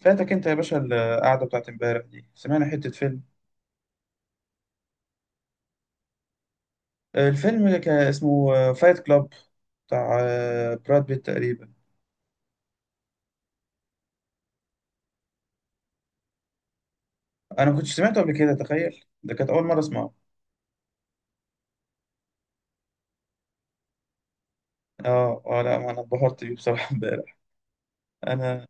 فاتك انت يا باشا القعده بتاعت امبارح دي سمعنا حته فيلم. الفيلم اللي كان اسمه فايت كلاب بتاع براد بيت تقريبا. انا ما كنتش سمعته قبل كده، تخيل ده كانت اول مره اسمعه. اه اه، لا ما انا اتبهرت بيه بصراحه امبارح. انا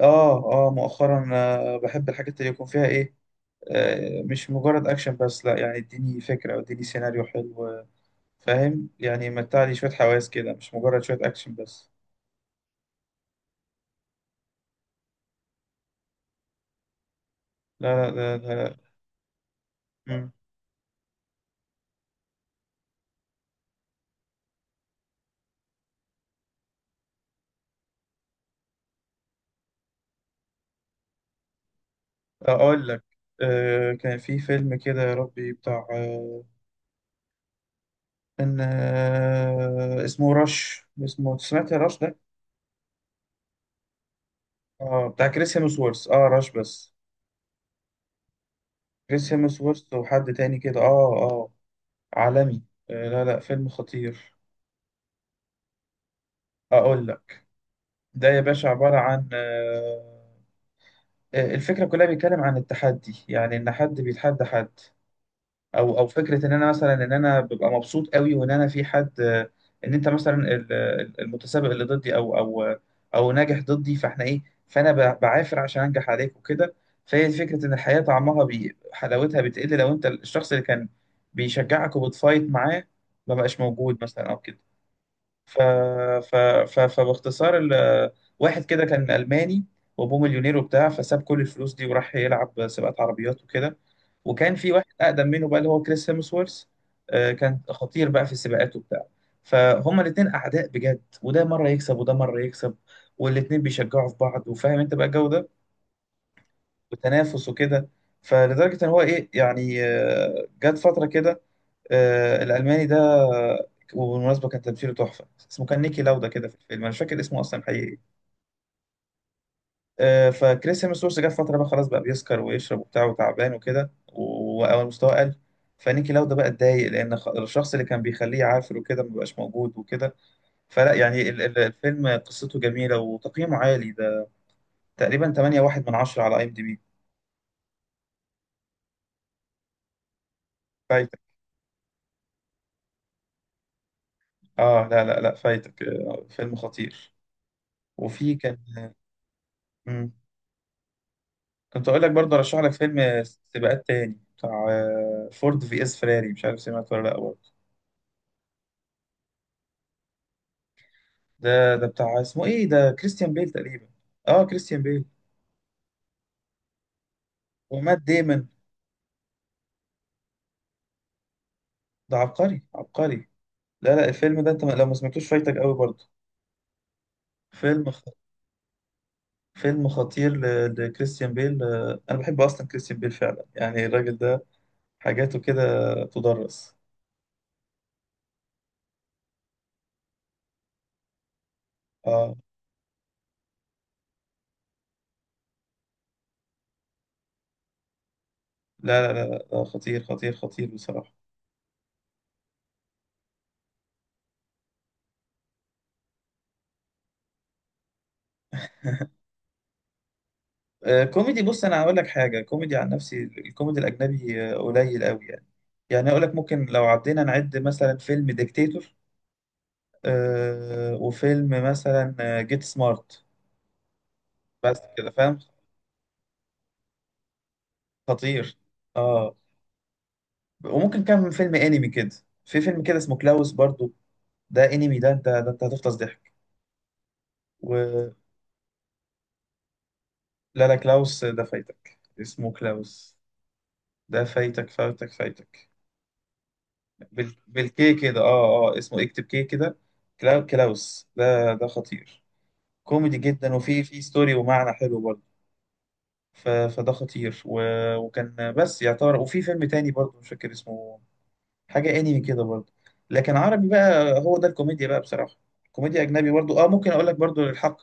اه اه مؤخرا بحب الحاجات اللي يكون فيها ايه، مش مجرد اكشن بس، لا. يعني اديني فكره او اديني سيناريو حلو، فاهم؟ يعني متعلي شويه حواس كده، مش مجرد شويه اكشن بس. لا لا لا. لا. اقول لك، كان في فيلم كده يا ربي بتاع ان آه، اسمه رش، اسمه، سمعت يا رش ده؟ اه بتاع كريس هيمسورث، اه رش بس. كريس هيمسورث وحد تاني كده، اه اه عالمي. آه لا لا فيلم خطير. اقول لك، ده يا باشا عبارة عن الفكرة كلها بيتكلم عن التحدي، يعني ان حد بيتحدى حد، او او فكره ان انا مثلا، ان انا ببقى مبسوط قوي وان انا في حد، ان انت مثلا المتسابق اللي ضدي او او او ناجح ضدي، فاحنا ايه، فانا بعافر عشان انجح عليك وكده. فهي فكره ان الحياه طعمها بي حلاوتها بتقل لو انت الشخص اللي كان بيشجعك وبتفايت معاه ما بقاش موجود مثلا او كده. ف... ف... فباختصار واحد كده كان ألماني، وأبوه مليونير وبتاع، فساب كل الفلوس دي وراح يلعب سباقات عربيات وكده. وكان في واحد أقدم منه بقى، اللي هو كريس هيمسورث. كان خطير بقى في السباقات وبتاع. فهما الاتنين أعداء بجد، وده مرة يكسب وده مرة يكسب، والاتنين بيشجعوا في بعض، وفاهم أنت بقى الجو ده، وتنافس وكده. فلدرجة إن هو إيه يعني، جت فترة كده، الألماني ده، وبالمناسبة كان تمثيله تحفة، اسمه كان نيكي لاودا كده في الفيلم، أنا مش فاكر اسمه أصلا حقيقي. فكريس هيمسورث جه في فترة بقى خلاص، بقى بيسكر ويشرب وبتاع وتعبان وكده، وأول مستواه قل. فنيكي لاودا بقى اتضايق لأن الشخص اللي كان بيخليه عافر وكده مبقاش موجود وكده. فلا يعني الفيلم قصته جميلة وتقييمه عالي ده، تقريبا 8.1 من 10 على IMDB. فايتك. اه لا لا لا فايتك، فيلم خطير. وفي كان. مم. كنت اقول لك برضه، ارشح لك فيلم سباقات تاني بتاع فورد في اس فيراري، مش عارف سمعت ولا لا برضه؟ ده بتاع، اسمه ايه ده، كريستيان بيل تقريبا. اه كريستيان بيل ومات ديمون. ده عبقري عبقري. لا لا الفيلم ده انت لو ما سمعتوش فايتك قوي برضه. فيلم خ... فيلم خطير لكريستيان بيل. انا بحب اصلا كريستيان بيل فعلا، يعني الراجل ده حاجاته كده تدرس. اه لا لا لا لا، خطير خطير خطير بصراحة. كوميدي، بص انا هقول لك حاجه. كوميدي عن نفسي، الكوميدي الاجنبي قليل قوي يعني. يعني اقول لك، ممكن لو عدينا نعد، مثلا فيلم ديكتاتور، وفيلم مثلا جيت سمارت، بس كده، فاهم؟ خطير. اه. وممكن كام فيلم انمي كده، في فيلم كده اسمه كلاوس برضو، ده انمي، ده انت ده انت هتفطس ضحك. و... لا لا كلاوس ده فايتك، اسمه كلاوس، ده فايتك فايتك فايتك. بالكي كده، اه اه اسمه اكتب كي كده. كلاوس ده ده خطير، كوميدي جدا، وفي في ستوري ومعنى حلو برضه. فده خطير وكان بس يعتبر. وفي فيلم تاني برضه مش فاكر اسمه، حاجة انمي كده برضه. لكن عربي بقى، هو ده الكوميديا بقى بصراحة. كوميديا أجنبي برضه، اه ممكن أقول لك برضه للحق،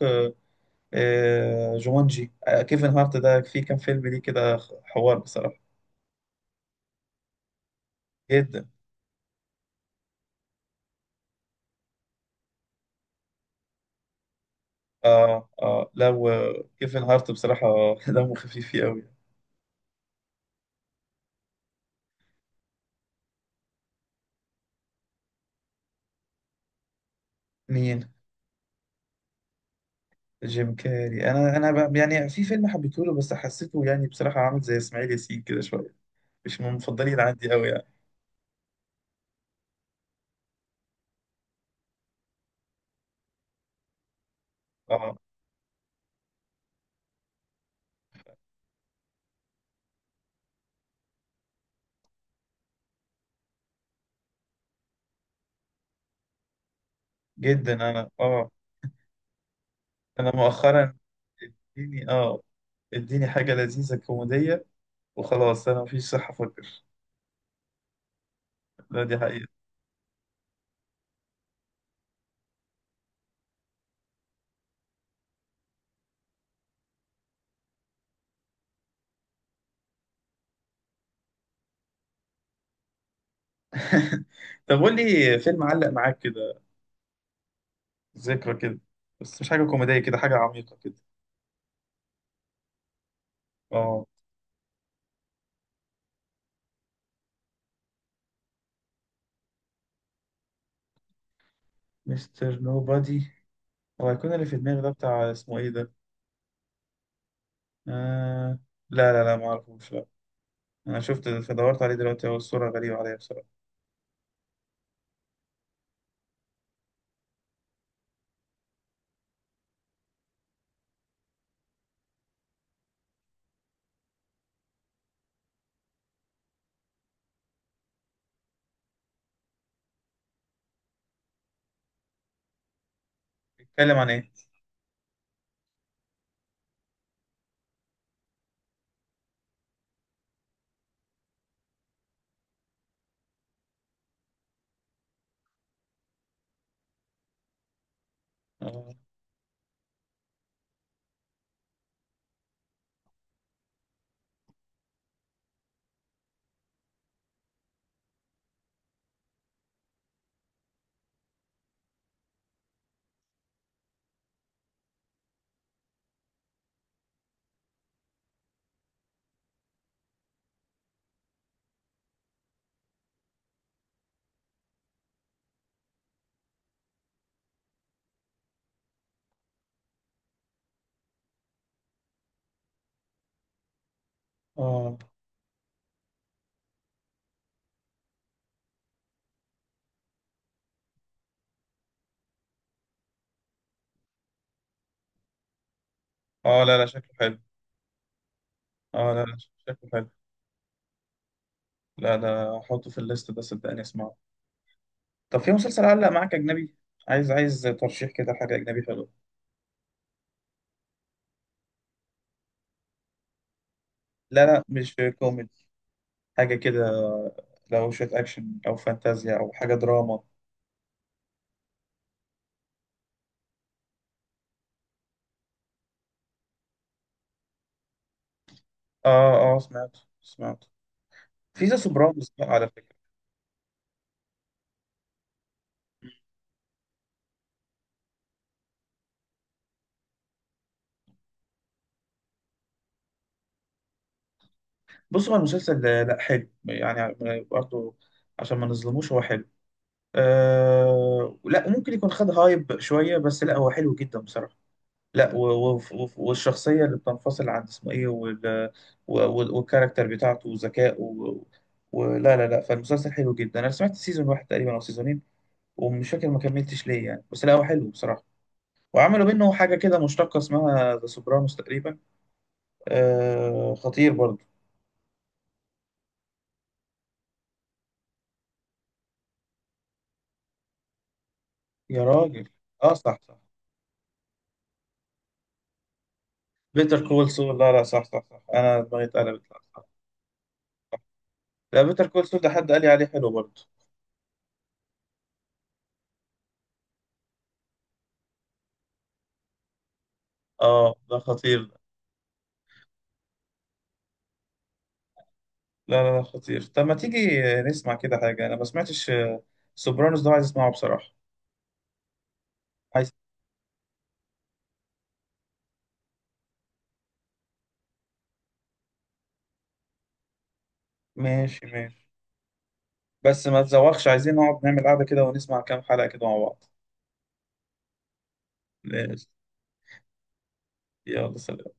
آه جومانجي، آه كيفن هارت ده في كام فيلم ليه كده، حوار بصراحة، جدا. اه اه لا، وكيفن هارت بصراحة دمه خفيف فيه أوي. مين؟ جيم كاري. انا يعني في فيلم حبيته له، بس حسيته يعني بصراحه عامل زي اسماعيل ياسين كده شويه، مش من المفضلين عندي قوي يعني. اه جدا، انا اه، انا مؤخرا اديني اه، اديني حاجه لذيذه كوميديه وخلاص، انا مفيش صحه افكر. لا دي حقيقه. طب قول لي فيلم علق معاك كده، ذكرى كده، بس مش حاجه كوميديه كده، حاجه عميقه كده. اه مستر نوبادي، هو هيكون اللي في دماغي ده بتاع اسمه ايه ده؟ آه... لا لا لا ما اعرفوش. انا شفت دورت عليه دلوقتي، هو الصورة غريبة عليا بصراحة. بيتكلم عن ايه؟ اه. اه اه لا لا شكله حلو. اه لا لا شكله حلو. لا لا احطه في الليست ده صدقني، اسمعه. طب في مسلسل علق معاك اجنبي؟ عايز عايز ترشيح كده حاجة اجنبي حلوة. لا لا مش كوميدي، حاجة كده، لو شوية اكشن او فانتازيا او حاجة دراما. اه اه سمعت سمعت. في ذا سوبرانوس بقى على فكرة. بصوا، هو المسلسل ده- لا حلو يعني برضه، عشان ما نظلموش هو حلو. آه لا ممكن يكون خد هايب شوية، بس لا هو حلو جدا بصراحة. لا والشخصية اللي بتنفصل عن اسمه ايه وال والكاركتر بتاعته وذكائه ولا لا لا. فالمسلسل حلو جدا، انا سمعت سيزون واحد تقريبا او سيزونين، ومش فاكر ما كملتش ليه يعني، بس لا هو حلو بصراحة. وعملوا منه حاجة كده مشتقة اسمها ذا سوبرانوس تقريبا. آه خطير برضه. يا راجل، اه صح صح بيتر كول سول. لا لا صح صح صح، انا دماغي اتقلبت، لا صح. لا بيتر كول سول ده حد قال لي عليه حلو برضه. اه ده خطير ده. لا لا لا خطير. طب ما تيجي نسمع كده حاجة، أنا ما سمعتش سوبرانوس ده، عايز أسمعه بصراحة. عايز. ماشي ماشي. بس ما تزوقش، عايزين نقعد نعمل قعدة كده ونسمع كام حلقة كده مع بعض. ماشي. يلا سلام.